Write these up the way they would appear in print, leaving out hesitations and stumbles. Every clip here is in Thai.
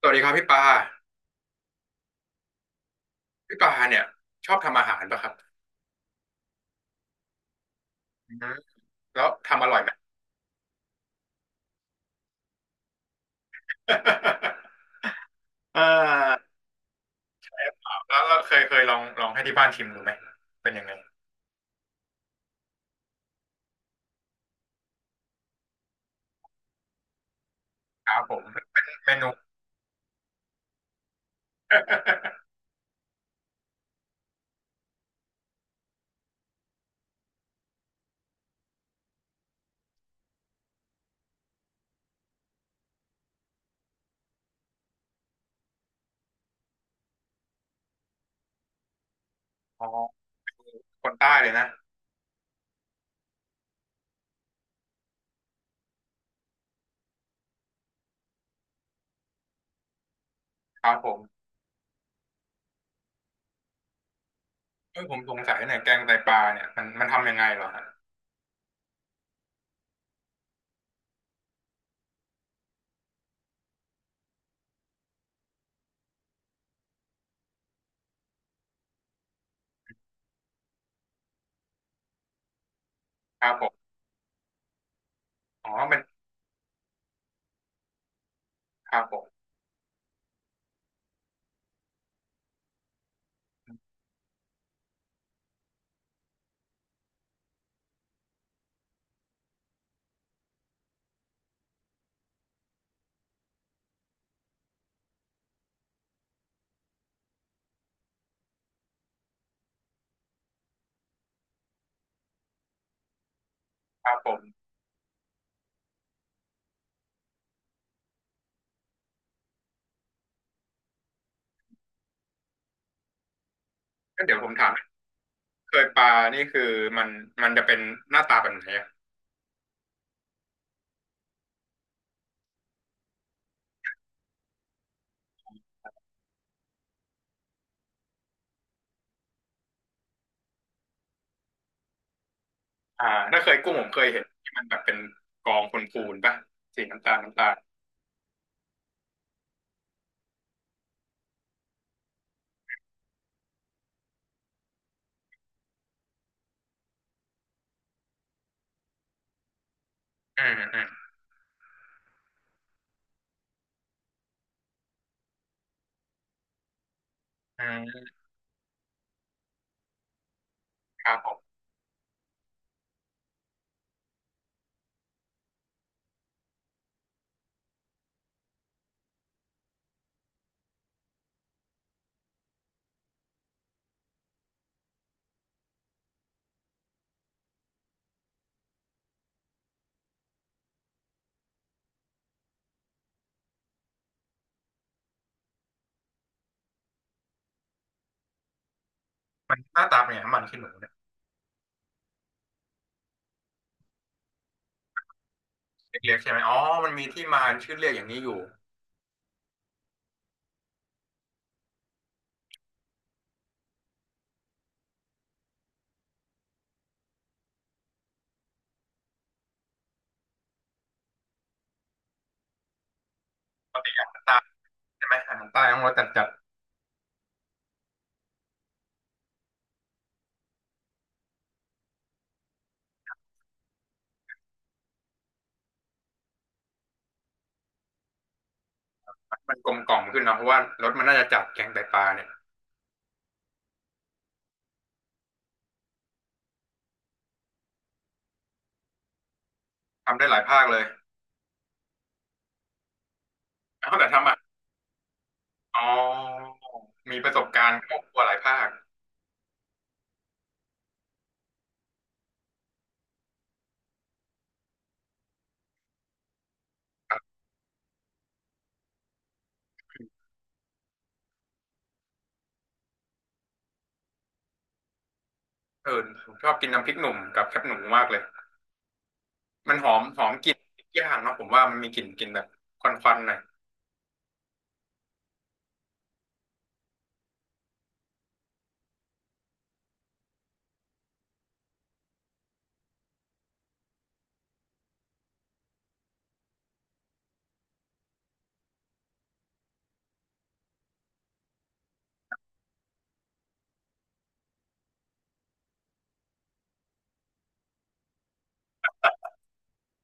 สวัสดีครับพี่ปาพี่ปาเนี่ยชอบทำอาหารป่ะครับอืมแล้วทำอร่อยไหม เออแล้วเราเคยลองให้ที่บ้านชิมดูไหมเป็นยังไงครับผมเป็นเมนู อ๋อคนใต้เลยนะครับผมเออผมสงสัยหน่อยแกงไตปลาเนี่ยมันทำยังไงเหรอครับครับผมอ๋อมันครับผมครับผมก็เดี๋ยวผมถามเคยปลานี่คือมันมันจะเป็นหน้าตาแบบไหนอะอ่าถ้าเคยกุ้งผมเคยเห็นที่มันแบบเป็นกองพูนๆป่ะสีน้ำตาลน้ำตาล อืมอืาอมครับผมมันหน้าตาเป็นไงน้ำมันขี้หนูเนี่ยเล็กๆใช่ไหมอ๋อมันมีที่มาชื่อเรียกอย่างนี้อยู่ตาใช่ไหมอาหารใต้ต้องรสจัดจัดมันกลมกล่อมขึ้นเนาะเพราะว่ารสมันน่าจะจัดแกงไตปลาเนี่ยทำได้หลายภาคเลยเอาแต่ทำอ่ะอ๋อมีประสบการณ์ครอบครัวหลายภาคครับเออผมชอบกินน้ำพริกหนุ่มกับแคบหนูมากเลยมันหอมหอมกลิ่นย่างเนาะผมว่ามันมีกลิ่นแบบควันๆหน่อย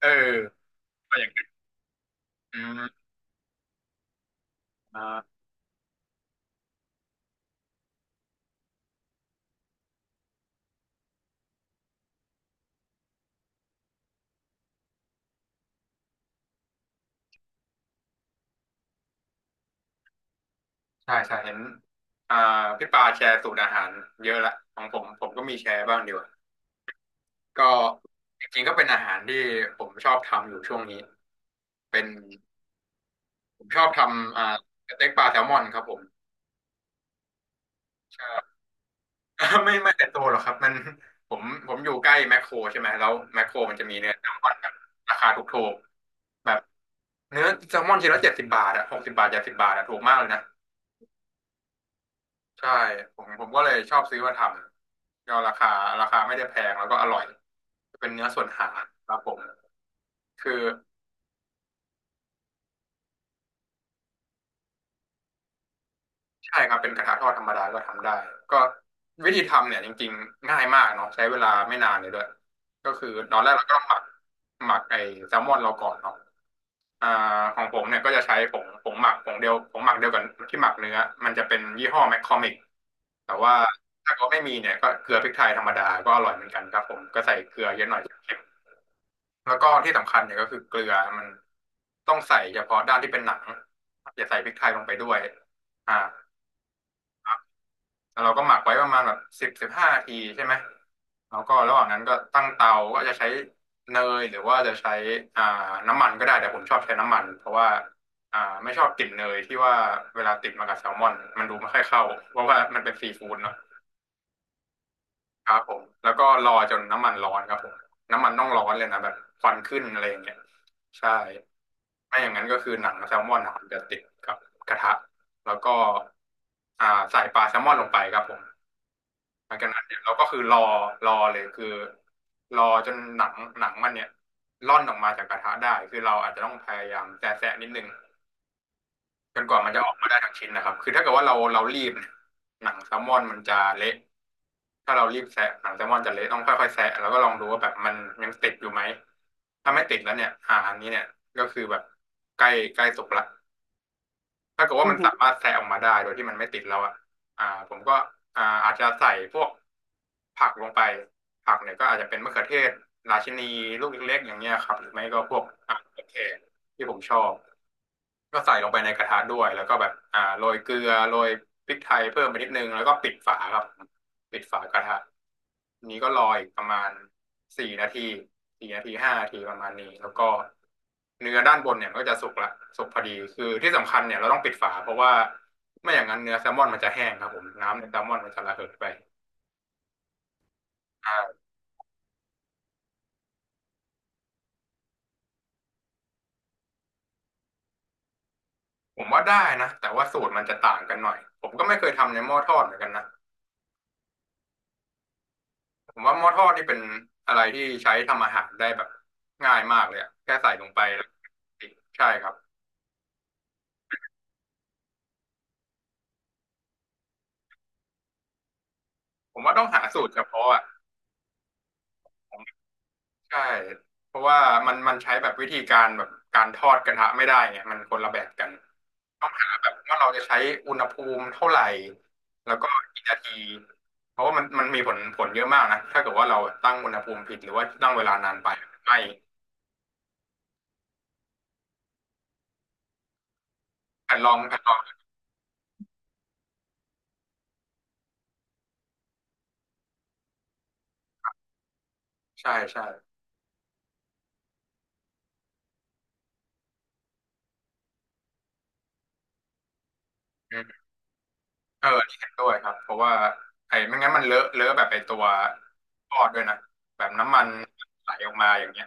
เอออะไรอย่างเงี้ยอืม ใช่ใช่เห็นอ่าพี่ปาแชร์สูตรอาหารเยอะละของผมก็มีแชร์บ้างดีกว่าก็จริงๆก็เป็นอาหารที่ผมชอบทำอยู่ช่วงนี้เป็นผมชอบทำสเต็กปลาแซลมอนครับผมใช่ ไม่ไม่แต่โตวหรอกครับมันผมอยู่ใกล้แมคโครใช่ไหมแล้วแมคโครมันจะมีเนื้อแซลมอนแบบราคาถูกๆแบบเนื้อแซลมอนชิ้นละเจ็ดสิบบาทอะ60 บาทเจ็ดสิบบาทอะถูกมากเลยนะ ใช่ผมก็เลยชอบซื้อมาทำก็ราคาไม่ได้แพงแล้วก็อร่อยเป็นเนื้อส่วนหางครับผมคือใช่ครับเป็นกระทะทอดธรรมดาก็ทำได้ก็วิธีทำเนี่ยจริงๆง่ายมากเนาะใช้เวลาไม่นานเลยด้วยก็คือตอนแรกเราก็ต้องหมักไอ้แซลมอนเราก่อนเนาะอ่าของผมเนี่ยก็จะใช้ผงหมักผงเดียวผงหมักเดียวกันที่หมักเนื้อมันจะเป็นยี่ห้อแมคคอมิกแต่ว่าถ้าเขาไม่มีเนี่ยก็เกลือพริกไทยธรรมดาก็อร่อยเหมือนกันครับผมก็ใส่เกลือเยอะหน่อย แล้วก็ที่สำคัญเนี่ยก็คือเกลือมันต้องใส่เฉพาะด้านที่เป็นหนังอย่าใส่พริกไทยลงไปด้วยอ่าแล้วเราก็หมักไว้ประมาณแบบ15 นาทีใช่ไหมแล้วก็ระหว่างนั้นก็ตั้งเตาก็จะใช้เนยหรือว่าจะใช้อ่าน้ำมันก็ได้แต่ผมชอบใช้น้ำมันเพราะว่าไม่ชอบกลิ่นเนยที่ว่าเวลาติดมากับแซลมอนมันดูไม่ค่อยเข้าเพราะว่ามันเป็นซีฟู้ดเนาะครับผมแล้วก็รอจนน้ำมันร้อนครับผมน้ำมันต้องร้อนเลยนะแบบควันขึ้นอะไรอย่างเงี้ยใช่ ไม่อย่างนั้นก็คือหนังแซลมอนนะมันจะติดกับกระทะแล้วก็อ่าใส่ปลาแซลมอนลงไปครับผมหลังจากนั้นเนี่ยเราก็คือรอเลยคือรอจนหนังมันเนี่ยร่อนออกมาจากกระทะได้คือเราอาจจะต้องพยายามแซะแซะนิดนึงจนกว่ามันจะออกมาได้ทั้งชิ้นนะครับคือถ้าเกิดว่าเรารีบเนี่ยหนังแซลมอนมันจะเละถ้าเรารีบแซะหนังแซลมอนจะเละต้องค่อยๆแซะแล้วก็ลองดูว่าแบบมันยังติดอยู่ไหมถ้าไม่ติดแล้วเนี่ยอันนี้เนี่ยก็คือแบบใกล้ใกล้สุกละ ถ้าเกิดว่าอืมัอนฮึสามารถแซะออกมาได้โดยที่มันไม่ติดแล้วอ่ะผมก็อาจจะใส่พวกผักลงไปผักเนี่ยก็อาจจะเป็นมะเขือเทศ ราชินีลูกเล็กๆอย่างเงี้ยครับหรือไม่ก็พวกโอเคที่ผมชอบ ก็ใส่ลงไปในกระทะด้วยแล้วก็แบบโรยเกลือโรยพริกไทยเพิ่มไปนิดนึงแล้วก็ปิดฝาครับปิดฝากระทะนี้ก็รออีกประมาณสี่นาทีสี่นาทีห้านาทีประมาณนี้แล้วก็เนื้อด้านบนเนี่ยมันก็จะสุกละสุกพอดีคือที่สำคัญเนี่ยเราต้องปิดฝาเพราะว่าไม่อย่างนั้นเนื้อแซลมอนมันจะแห้งครับผมน้ำในแซลมอนมันจะระเหดไปอ่าผมว่าได้นะแต่ว่าสูตรมันจะต่างกันหน่อยผมก็ไม่เคยทำในหม้อทอดเหมือนกันนะ ผมว่าหม้อทอดนี่เป็นอะไรที่ใช้ทำอาหารได้แบบง่ายมากเลยอะแค่ใส่ลงไปแล้วใช่ครับผมว่าต้องหาสูตรเฉพาะอ่ะใช่เพราะว่ามันใช้แบบวิธีการแบบการทอดกระทะไม่ได้ไงมันคนละแบบกันต้องหาแบบว่าเราจะใช้อุณหภูมิเท่าไหร่แล้วก็กี่นาทีเพราะว่ามันมีผลเยอะมากนะถ้าเกิดว่าเราตั้งอุณหภูมิผิดหรือว่าตั้งเวลานานไปไหม่แผ่นรองใช่ใช่ เออนี่เห็นด้วยครับเพราะว่าไอ้ไม่งั้นมันเลอะแบบไอ้ตัวทอดด้วยนะแบบน้ำมันไหลออกมาอย่างเงี้ย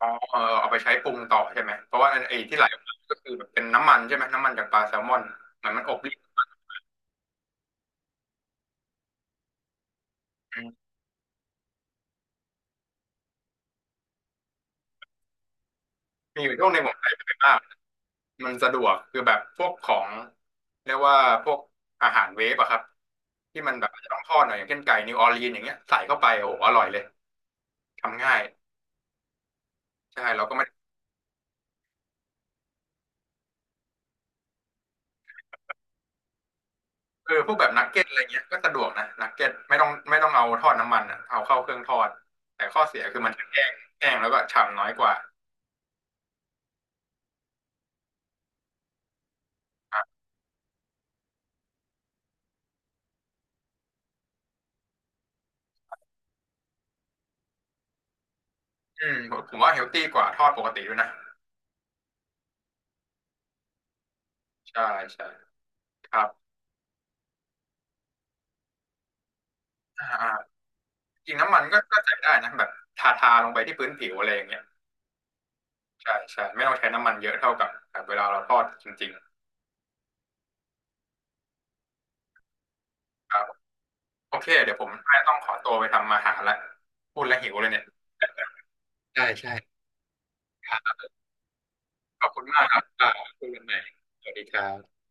อ๋อเออเอาไปใช้ปรุงต่อใช่ไหมเพราะว่าไอ้ที่ไหลออกมาก็คือแบบเป็นน้ำมันใช่ไหมน้ำมันจากปลาแซลมอนเหมือนมันอบรีดอืมมีอยู่ช่วงหนึ่งผมใช้ไปมากมันสะดวกคือแบบพวกของเรียกว่าพวกอาหารเวฟอะครับที่มันแบบอาจจะต้องทอดหน่อยอย่างเช่นไก่นิวออร์ลีนอย่างเงี้ยใส่เข้าไปโอ้โหอร่อยเลยทำง่ายใช่เราก็ เออพวกแบบนักเก็ตอะไรเงี้ยก็สะดวกนะนักเก็ตไม่ต้องเอาทอดน้ำมันอ่ะเอาเข้าเครื่องทอดแต่ข้อเสียคือมันจะแห้งแห้งแล้วก็ฉ่ำน้อยกว่าอืมผมว่าเฮลตี้กว่าทอดปกติด้วยนะใช่ใช่ครับอ่าอ่าจริงน้ำมันก็ใส่ได้นะแบบทาลงไปที่พื้นผิวอะไรอย่างเงี้ยใช่ใช่ไม่ต้องใช้น้ำมันเยอะเท่ากับเวลาเราทอดจริงๆครับโอเคเดี๋ยวผมแม่ต้องขอตัวไปทำอาหารละพูดแล้วหิวเลยเนี่ยใช่ใช่ครับขอบคุณมากครับคุยกันใหม่สวัสดีครับ